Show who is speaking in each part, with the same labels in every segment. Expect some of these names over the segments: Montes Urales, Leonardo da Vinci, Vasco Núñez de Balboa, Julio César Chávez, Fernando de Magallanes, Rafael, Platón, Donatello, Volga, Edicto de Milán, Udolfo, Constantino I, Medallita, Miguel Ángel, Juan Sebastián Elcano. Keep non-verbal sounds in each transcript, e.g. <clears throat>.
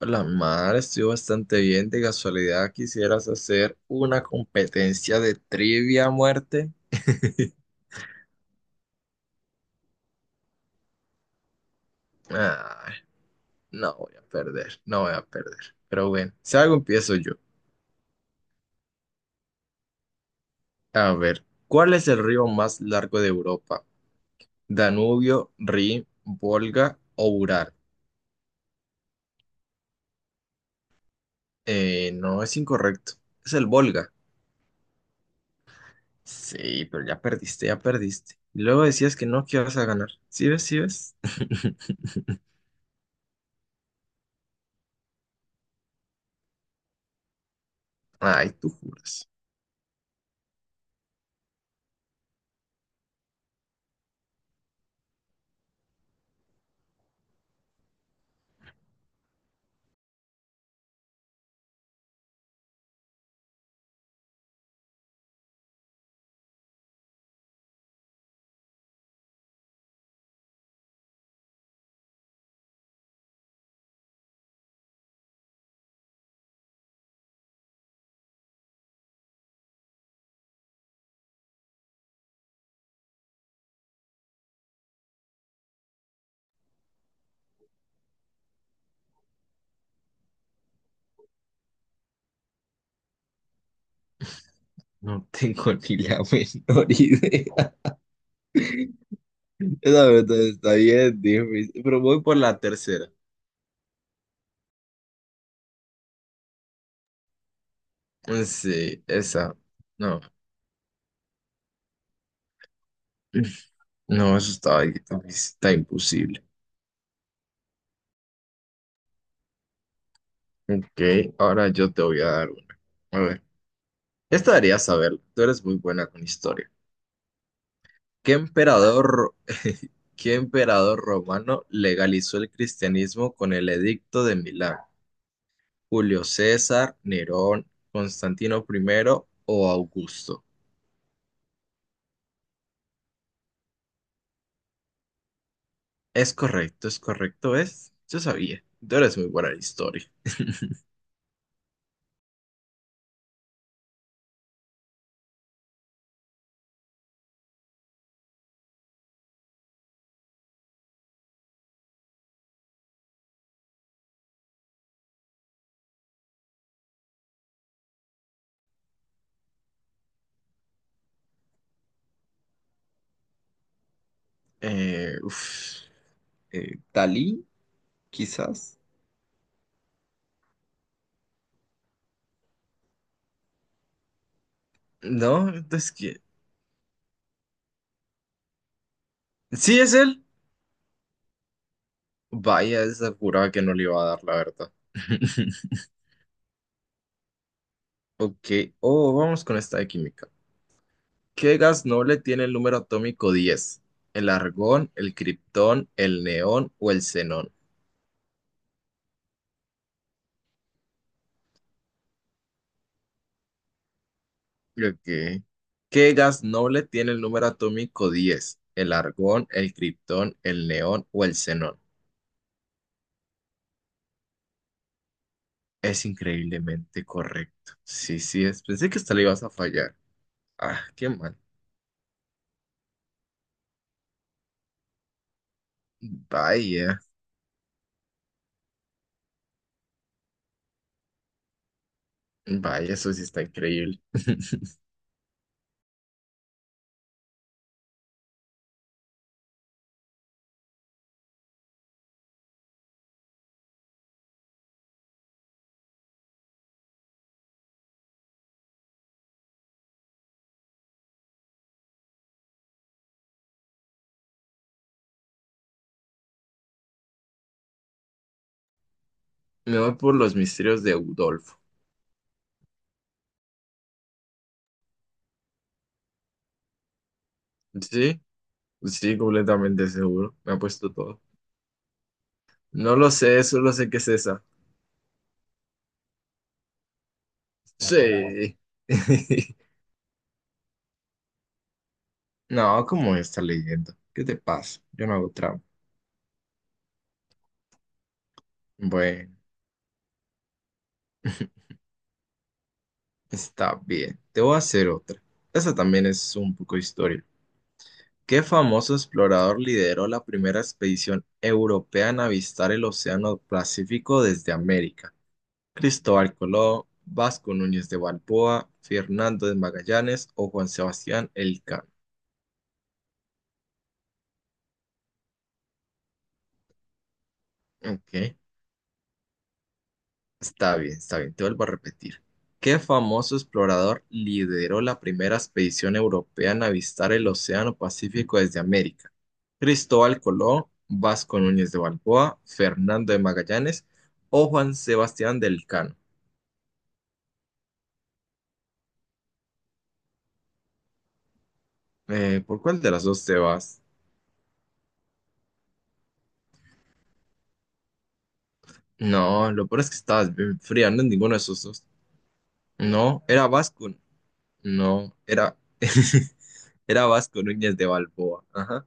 Speaker 1: La mar, estoy bastante bien. De casualidad, ¿quisieras hacer una competencia de trivia a muerte? <laughs> Ay, no voy a perder, no voy a perder. Pero bueno, si algo empiezo yo. A ver, ¿cuál es el río más largo de Europa? ¿Danubio, Rin, Volga o Ural? No, es incorrecto. Es el Volga. Sí, pero ya perdiste, ya perdiste. Y luego decías que no, que ibas a ganar. ¿Sí ves, sí ves? <laughs> Ay, tú juras. No tengo <laughs> ni la menor idea. <laughs> Esa pregunta está bien difícil, pero voy por la tercera. Sí, esa. No, <clears throat> no, eso está ahí, está imposible. Ok, ahora yo te voy a dar una. A ver, esta deberías saberlo. Tú eres muy buena con historia. ¿Qué emperador, <laughs> qué emperador romano legalizó el cristianismo con el Edicto de Milán? ¿Julio César, Nerón, Constantino I o Augusto? Es correcto, es correcto, es. Yo sabía, tú eres muy buena en historia. Uf, Dalí, quizás. No, es que... Sí, es él. Vaya, esa juraba que no le iba a dar, la verdad. <laughs> Ok, oh, vamos con esta de química. ¿Qué gas noble tiene el número atómico 10? ¿El argón, el criptón, el neón o el xenón? Ok. ¿Qué gas noble tiene el número atómico 10? ¿El argón, el criptón, el neón o el xenón? Es increíblemente correcto. Sí, sí, es. Pensé que hasta le ibas a fallar. Ah, qué mal. Vaya, vaya, eso sí está increíble. <laughs> Me voy por los misterios de Udolfo. Sí, sí, completamente seguro. Me ha puesto todo. No lo sé, solo sé que es esa. Sí. <laughs> No, ¿cómo está leyendo? ¿Qué te pasa? Yo no hago trampa. Bueno, <laughs> está bien. Te voy a hacer otra. Esa también es un poco historia. ¿Qué famoso explorador lideró la primera expedición europea en avistar el Océano Pacífico desde América? ¿Cristóbal Colón, Vasco Núñez de Balboa, Fernando de Magallanes o Juan Sebastián Elcano? Ok, está bien, te vuelvo a repetir. ¿Qué famoso explorador lideró la primera expedición europea en avistar el Océano Pacífico desde América? ¿Cristóbal Colón, Vasco Núñez de Balboa, Fernando de Magallanes o Juan Sebastián del Elcano? ¿Por cuál de las dos te vas? No, lo peor es que estabas bien fría, no en ninguno de esos dos. No, era Vasco. No, era. <laughs> Era Vasco Núñez de Balboa. Ajá.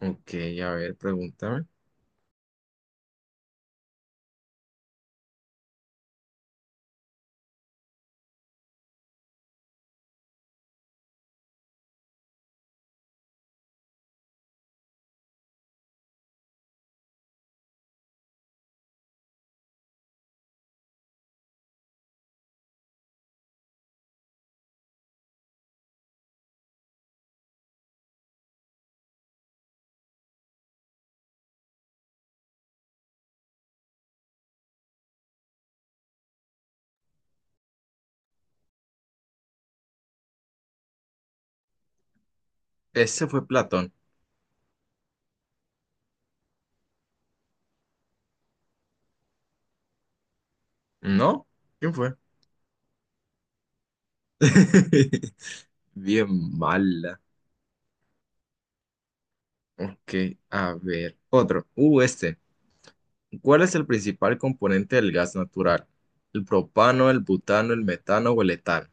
Speaker 1: Ok, a ver, pregúntame. Ese fue Platón. ¿No? ¿Quién fue? <laughs> Bien mala. Ok, a ver. Otro. Este. ¿Cuál es el principal componente del gas natural? ¿El propano, el butano, el metano o el etano?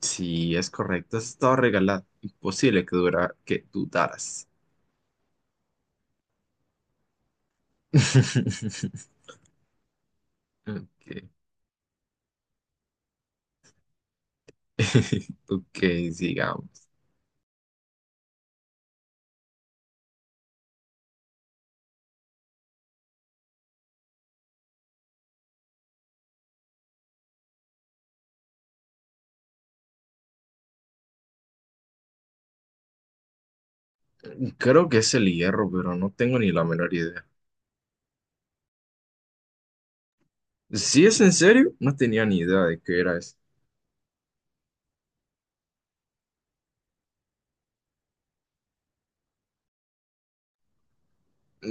Speaker 1: Sí, es correcto. Eso estaba regalado. Imposible que dudaras. <laughs> Ok. <laughs> Ok, sigamos. Creo que es el hierro, pero no tengo ni la menor idea. Si es en serio, no tenía ni idea de qué era eso.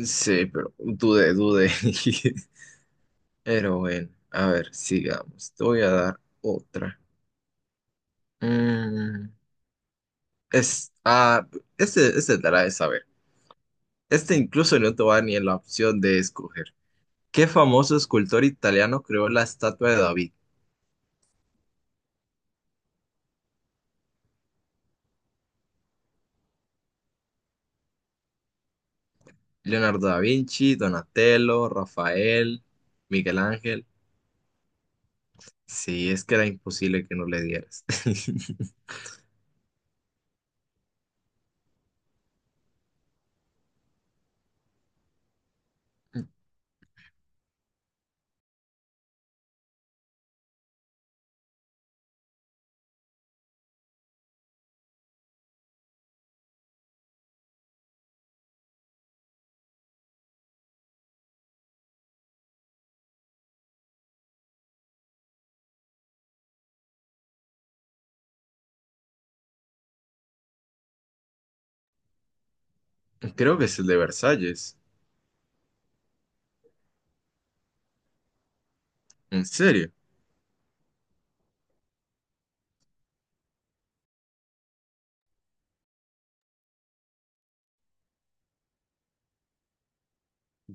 Speaker 1: Sí, pero dudé, dudé. <laughs> Pero bueno, a ver, sigamos. Te voy a dar otra. Mm, es, ah, este te la de saber. Este incluso no te va a dar ni la opción de escoger. ¿Qué famoso escultor italiano creó la estatua de David? Leonardo da Vinci, Donatello, Rafael, Miguel Ángel. Sí, es que era imposible que no le dieras. <laughs> Creo que es el de Versalles. ¿En serio?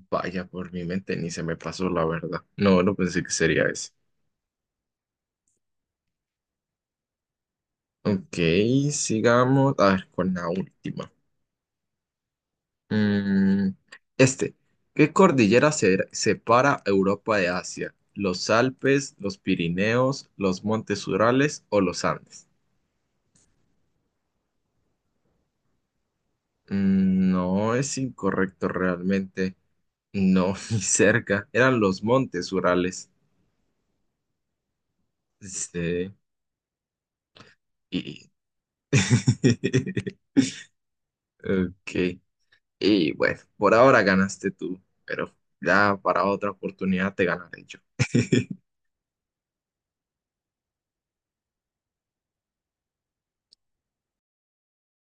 Speaker 1: Vaya, por mi mente ni se me pasó la verdad. No, no pensé que sería ese. Ok, sigamos. A ver, con la última. Mm, este, ¿qué cordillera separa Europa de Asia? ¿Los Alpes, los Pirineos, los Montes Urales o los Andes? No, es incorrecto realmente. No, <laughs> ni cerca. Eran los Montes Urales. Sí. Y... <laughs> Ok. Y bueno, por ahora ganaste tú, pero ya para otra oportunidad te ganaré yo. <laughs>